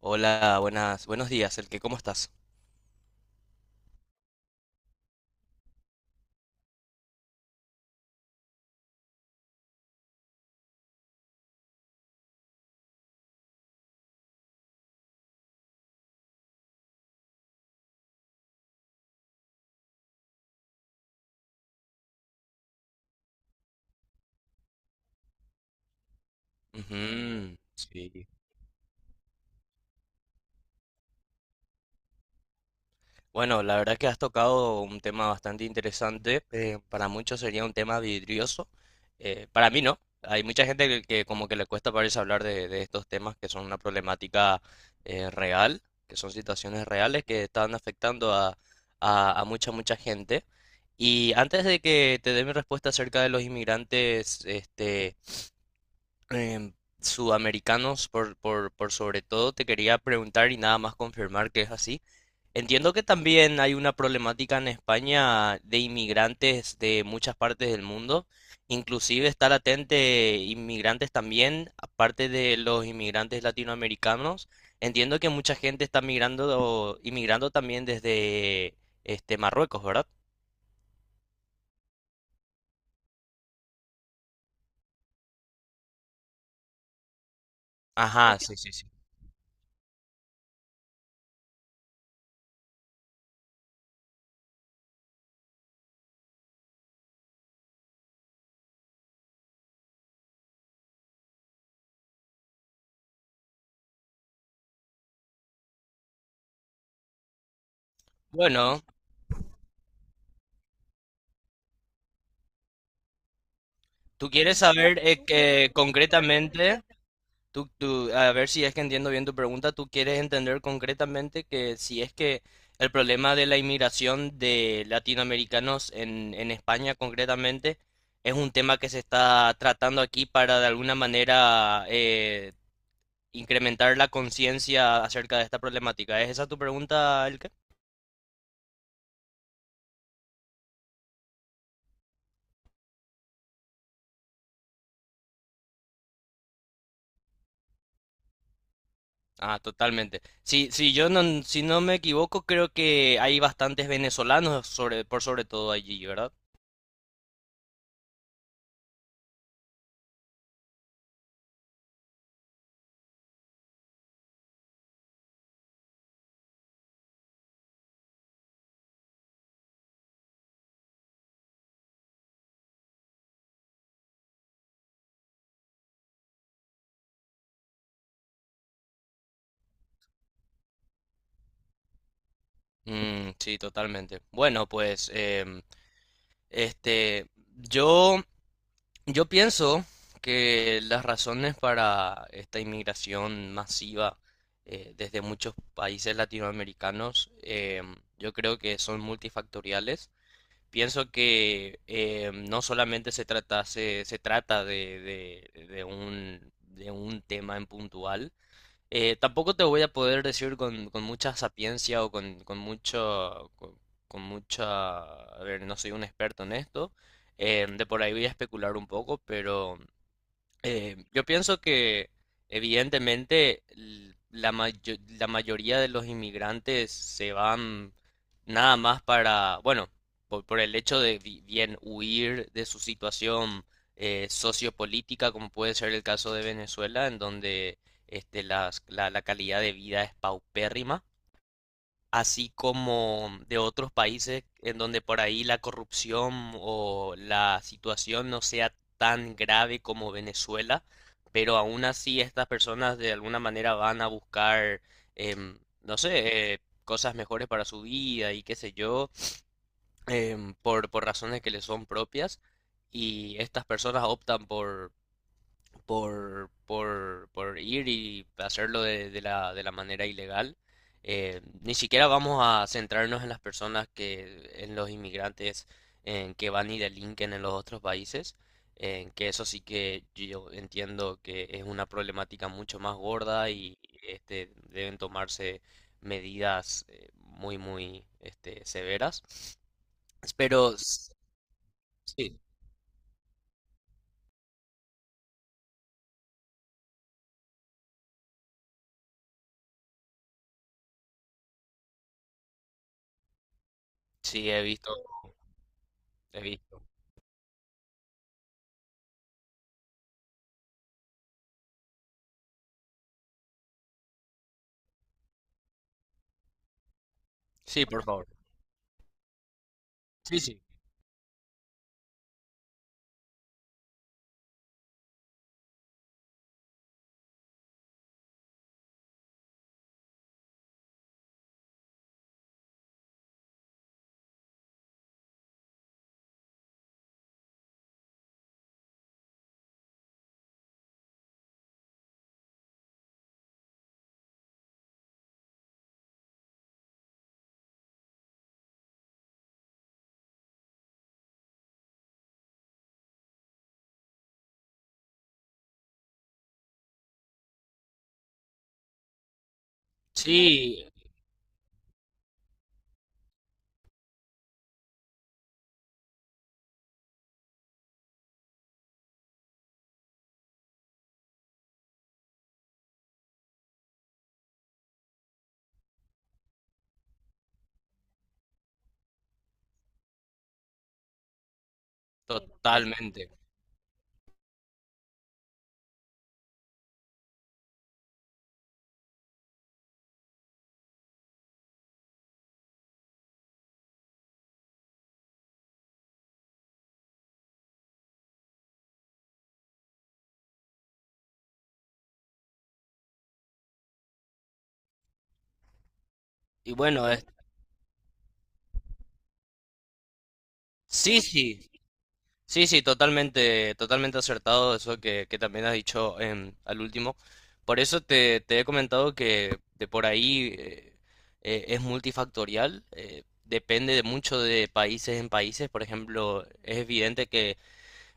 Hola, buenas, buenos días, el que, ¿cómo estás? Ujú, sí. Bueno, la verdad que has tocado un tema bastante interesante. Para muchos sería un tema vidrioso. Para mí no. Hay mucha gente que como que le cuesta parece hablar de estos temas que son una problemática real, que son situaciones reales que están afectando a mucha gente. Y antes de que te dé mi respuesta acerca de los inmigrantes, em, sudamericanos por sobre todo, te quería preguntar y nada más confirmar que es así. Entiendo que también hay una problemática en España de inmigrantes de muchas partes del mundo, inclusive estar atente inmigrantes también, aparte de los inmigrantes latinoamericanos. Entiendo que mucha gente está migrando, inmigrando también desde este Marruecos, ¿verdad? Ajá, sí, sí, sí. Bueno, tú quieres saber que concretamente Tú, tú- a ver si es que entiendo bien tu pregunta, tú quieres entender concretamente que si es que el problema de la inmigración de latinoamericanos en España concretamente es un tema que se está tratando aquí para de alguna manera incrementar la conciencia acerca de esta problemática. ¿Es esa tu pregunta, Elke? Ah, totalmente. Si, si yo no, si no me equivoco, creo que hay bastantes venezolanos por sobre todo allí, ¿verdad? Mm, sí, totalmente. Bueno, pues, Este, yo, yo pienso que las razones para esta inmigración masiva desde muchos países latinoamericanos, yo creo que son multifactoriales. Pienso que no solamente se trata, se trata de, de un tema en puntual, tampoco te voy a poder decir con mucha sapiencia o con mucho, con mucha, a ver, no soy un experto en esto, de por ahí voy a especular un poco, pero yo pienso que evidentemente la mayoría de los inmigrantes se van nada más para, bueno, por el hecho de bien huir de su situación sociopolítica, como puede ser el caso de Venezuela, en donde la calidad de vida es paupérrima, así como de otros países en donde por ahí la corrupción o la situación no sea tan grave como Venezuela, pero aún así estas personas de alguna manera van a buscar, no sé, cosas mejores para su vida y qué sé yo, por razones que les son propias, y estas personas optan por por ir y hacerlo de la manera ilegal. Ni siquiera vamos a centrarnos en las personas que, en los inmigrantes que van y delinquen en los otros países, que eso sí que yo entiendo que es una problemática mucho más gorda y este, deben tomarse medidas muy este, severas. Pero s- sí, sí, he visto, he visto. Sí, por favor. Sí, sí. Sí, totalmente. Y bueno, es- sí, sí, sí, sí, totalmente, totalmente acertado eso que también has dicho al último. Por eso te he comentado que de por ahí es multifactorial, depende de mucho de países en países. Por ejemplo, es evidente que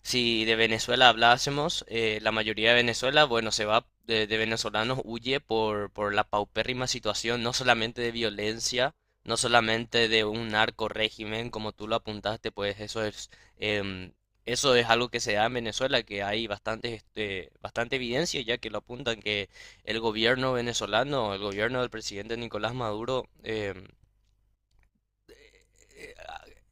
si de Venezuela hablásemos, la mayoría de Venezuela, bueno, se va de venezolanos, huye por la paupérrima situación, no solamente de violencia, no solamente de un narco régimen, como tú lo apuntaste, pues eso es, em, eso es algo que se da en Venezuela, que hay bastante, este, bastante evidencia, ya que lo apuntan que el gobierno venezolano, el gobierno del presidente Nicolás Maduro, eh,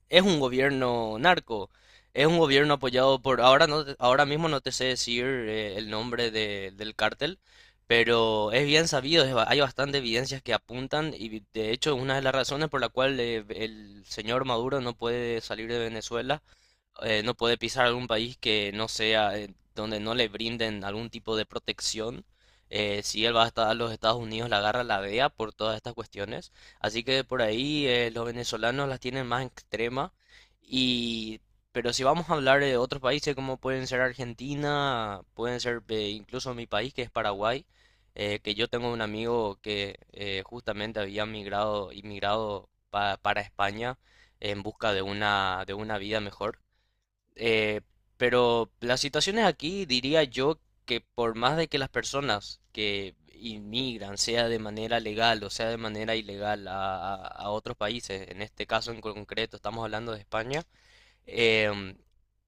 es un gobierno narco, es un gobierno apoyado por, ahora no, ahora mismo no te sé decir el nombre del cártel, pero es bien sabido, hay bastante evidencias que apuntan y de hecho una de las razones por la cual el señor Maduro no puede salir de Venezuela no puede pisar algún país que no sea, donde no le brinden algún tipo de protección. Si él va a estar a los Estados Unidos, la agarra la DEA por todas estas cuestiones. Así que por ahí los venezolanos las tienen más extrema. Y, pero si vamos a hablar de otros países como pueden ser Argentina, pueden ser incluso mi país que es Paraguay, que yo tengo un amigo que justamente había migrado, inmigrado para España en busca de una vida mejor. Eh, pero las situaciones aquí diría yo que por más de que las personas que inmigran, sea de manera legal o sea de manera ilegal a otros países, en este caso en concreto estamos hablando de España, em,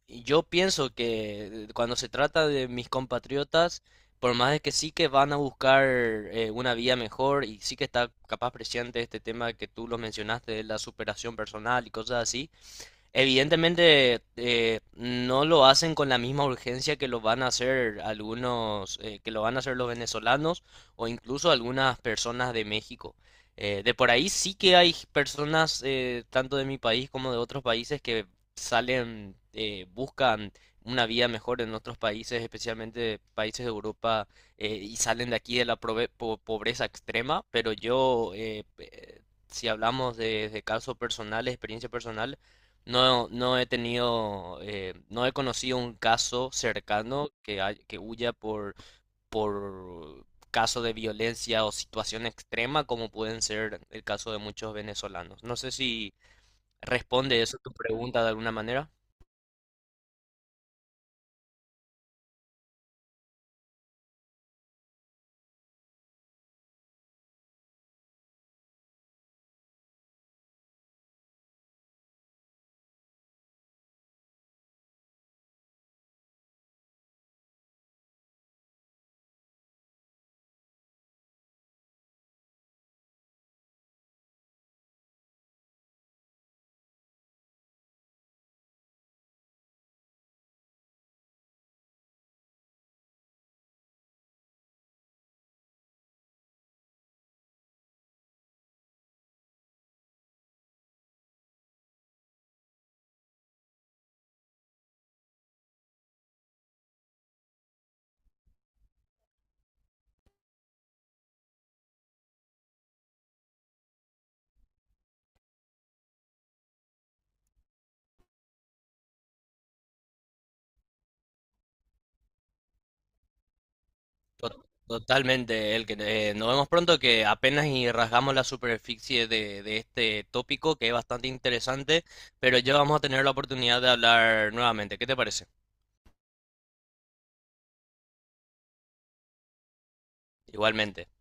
y yo pienso que cuando se trata de mis compatriotas, por más de que sí que van a buscar una vía mejor y sí que está capaz presente este tema que tú lo mencionaste de la superación personal y cosas así, evidentemente no lo hacen con la misma urgencia que lo van a hacer algunos, que lo van a hacer los venezolanos o incluso algunas personas de México. De por ahí sí que hay personas tanto de mi país como de otros países que salen, buscan una vida mejor en otros países, especialmente países de Europa, y salen de aquí de la pobreza extrema, pero yo, si hablamos de caso personal, experiencia personal, no, no he tenido, no he conocido un caso cercano que huya por caso de violencia o situación extrema como pueden ser el caso de muchos venezolanos. No sé si responde eso tu pregunta de alguna manera. Totalmente, el que nos vemos pronto que apenas y rasgamos la superficie de este tópico que es bastante interesante, pero ya vamos a tener la oportunidad de hablar nuevamente. ¿Qué te parece? Igualmente.